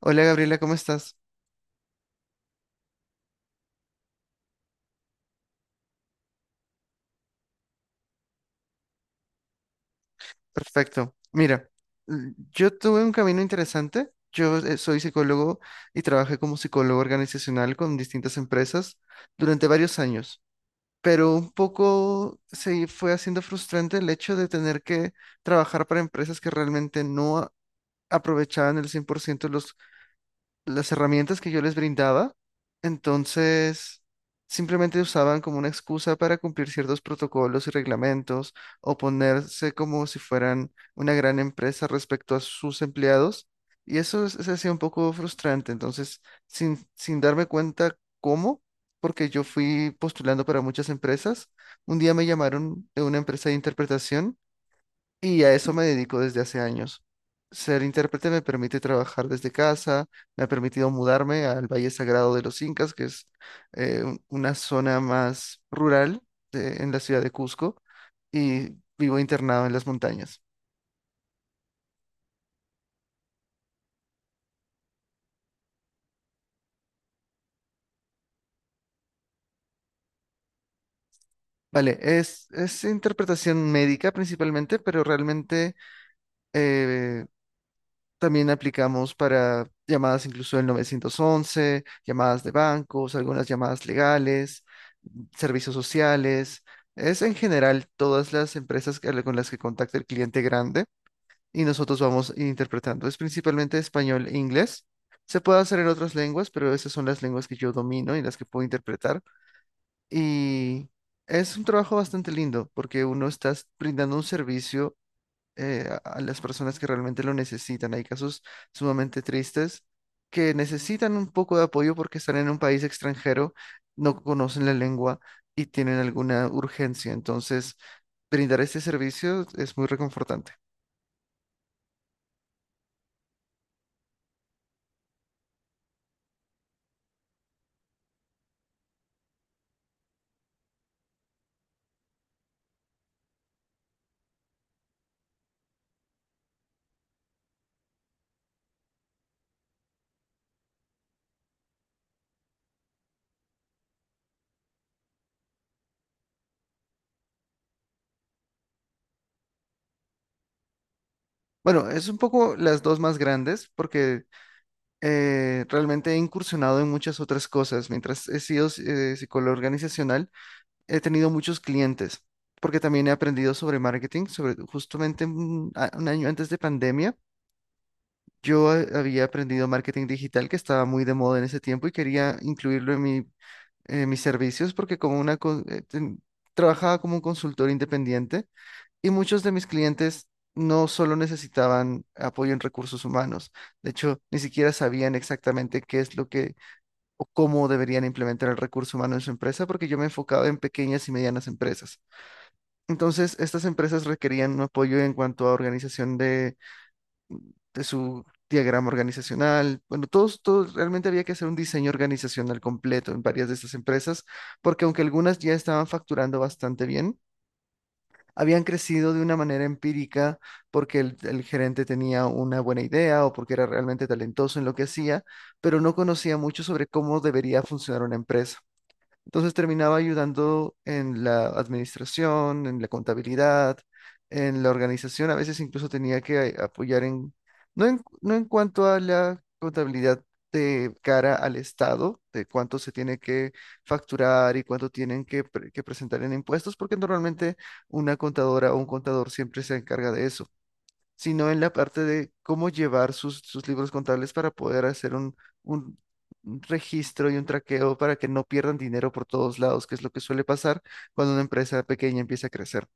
Hola Gabriela, ¿cómo estás? Perfecto. Mira, yo tuve un camino interesante. Yo soy psicólogo y trabajé como psicólogo organizacional con distintas empresas durante varios años, pero un poco se fue haciendo frustrante el hecho de tener que trabajar para empresas que realmente no a- aprovechaban el 100% los las herramientas que yo les brindaba. Entonces simplemente usaban como una excusa para cumplir ciertos protocolos y reglamentos, o ponerse como si fueran una gran empresa respecto a sus empleados. Y se hacía un poco frustrante. Entonces, sin darme cuenta cómo, porque yo fui postulando para muchas empresas, un día me llamaron de una empresa de interpretación, y a eso me dedico desde hace años. Ser intérprete me permite trabajar desde casa, me ha permitido mudarme al Valle Sagrado de los Incas, que es una zona más rural en la ciudad de Cusco, y vivo internado en las montañas. Vale, es interpretación médica principalmente, pero realmente eh, también aplicamos para llamadas incluso del 911, llamadas de bancos, algunas llamadas legales, servicios sociales. Es en general todas con las que contacta el cliente grande y nosotros vamos interpretando. Es principalmente español e inglés. Se puede hacer en otras lenguas, pero esas son las lenguas que yo domino y las que puedo interpretar. Y es un trabajo bastante lindo porque uno está brindando un servicio a las personas que realmente lo necesitan. Hay casos sumamente tristes que necesitan un poco de apoyo porque están en un país extranjero, no conocen la lengua y tienen alguna urgencia. Entonces, brindar este servicio es muy reconfortante. Bueno, es un poco las dos más grandes porque realmente he incursionado en muchas otras cosas. Mientras he sido psicólogo organizacional, he tenido muchos clientes, porque también he aprendido sobre marketing, sobre justamente un año antes de pandemia. Yo había aprendido marketing digital, que estaba muy de moda en ese tiempo y quería incluirlo en en mis servicios, porque como trabajaba como un consultor independiente, y muchos de mis clientes no solo necesitaban apoyo en recursos humanos. De hecho, ni siquiera sabían exactamente qué es lo que o cómo deberían implementar el recurso humano en su empresa, porque yo me enfocaba en pequeñas y medianas empresas. Entonces, estas empresas requerían un apoyo en cuanto a organización de su diagrama organizacional. Bueno, realmente había que hacer un diseño organizacional completo en varias de estas empresas, porque aunque algunas ya estaban facturando bastante bien, habían crecido de una manera empírica porque el gerente tenía una buena idea, o porque era realmente talentoso en lo que hacía, pero no conocía mucho sobre cómo debería funcionar una empresa. Entonces terminaba ayudando en la administración, en la contabilidad, en la organización. A veces incluso tenía que apoyar en, no en cuanto a la contabilidad de cara al Estado, de cuánto se tiene que facturar y cuánto tienen que, que presentar en impuestos, porque normalmente una contadora o un contador siempre se encarga de eso, sino en la parte de cómo llevar sus libros contables, para poder hacer un un registro y un traqueo para que no pierdan dinero por todos lados, que es lo que suele pasar cuando una empresa pequeña empieza a crecer.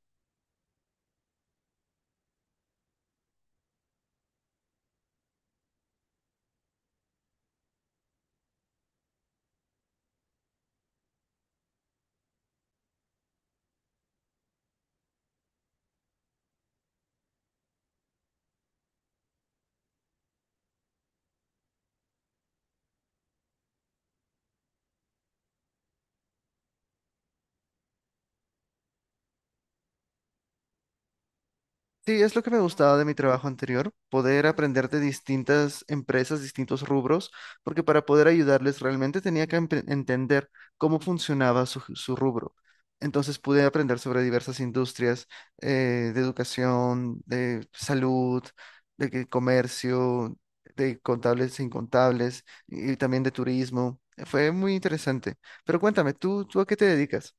Sí, es lo que me gustaba de mi trabajo anterior, poder aprender de distintas empresas, distintos rubros, porque para poder ayudarles realmente tenía que entender cómo funcionaba su rubro. Entonces pude aprender sobre diversas industrias, de educación, de salud, de comercio, de contables e incontables, y también de turismo. Fue muy interesante. Pero cuéntame, tú a qué te dedicas?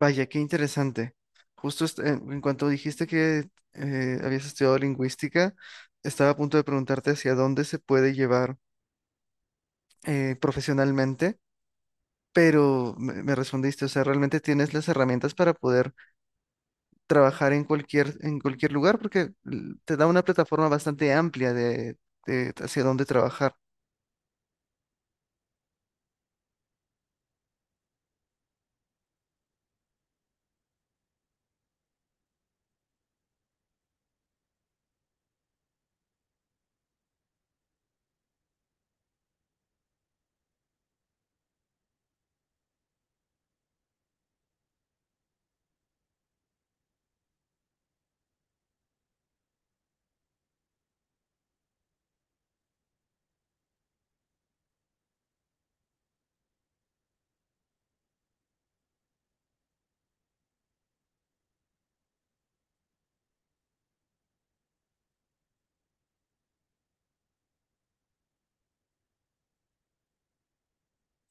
Vaya, qué interesante. Justo en cuanto dijiste que habías estudiado lingüística, estaba a punto de preguntarte hacia dónde se puede llevar profesionalmente, pero me respondiste. O sea, realmente tienes las herramientas para poder trabajar en cualquier lugar, porque te da una plataforma bastante amplia de hacia dónde trabajar.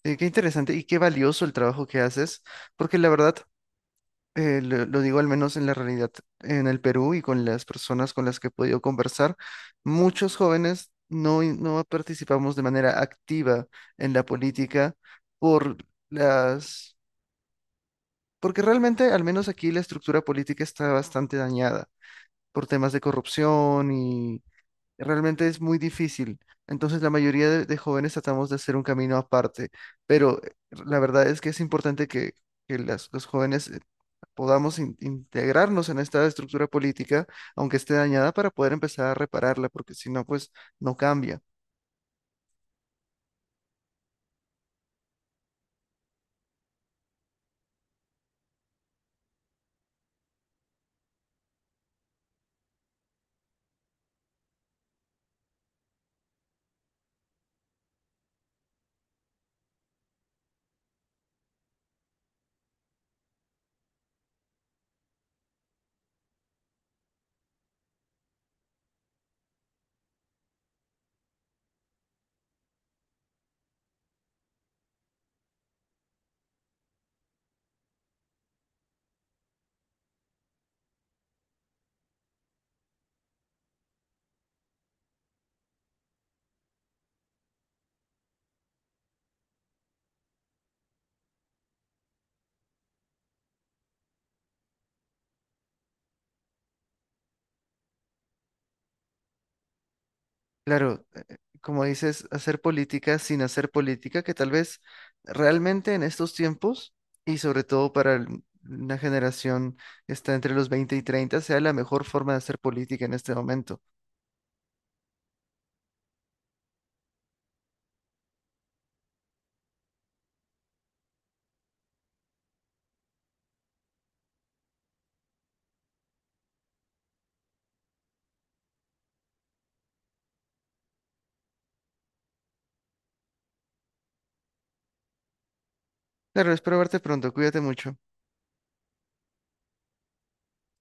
Qué interesante y qué valioso el trabajo que haces, porque la verdad lo digo al menos en la realidad en el Perú, y con las personas con las que he podido conversar, muchos jóvenes no participamos de manera activa en la política por las, porque realmente al menos aquí la estructura política está bastante dañada por temas de corrupción, y realmente es muy difícil. Entonces la mayoría de jóvenes tratamos de hacer un camino aparte, pero la verdad es que es importante que los jóvenes podamos integrarnos en esta estructura política, aunque esté dañada, para poder empezar a repararla, porque si no, pues no cambia. Claro, como dices, hacer política sin hacer política, que tal vez realmente en estos tiempos, y sobre todo para una generación que está entre los 20 y 30, sea la mejor forma de hacer política en este momento. Claro, espero verte pronto, cuídate mucho.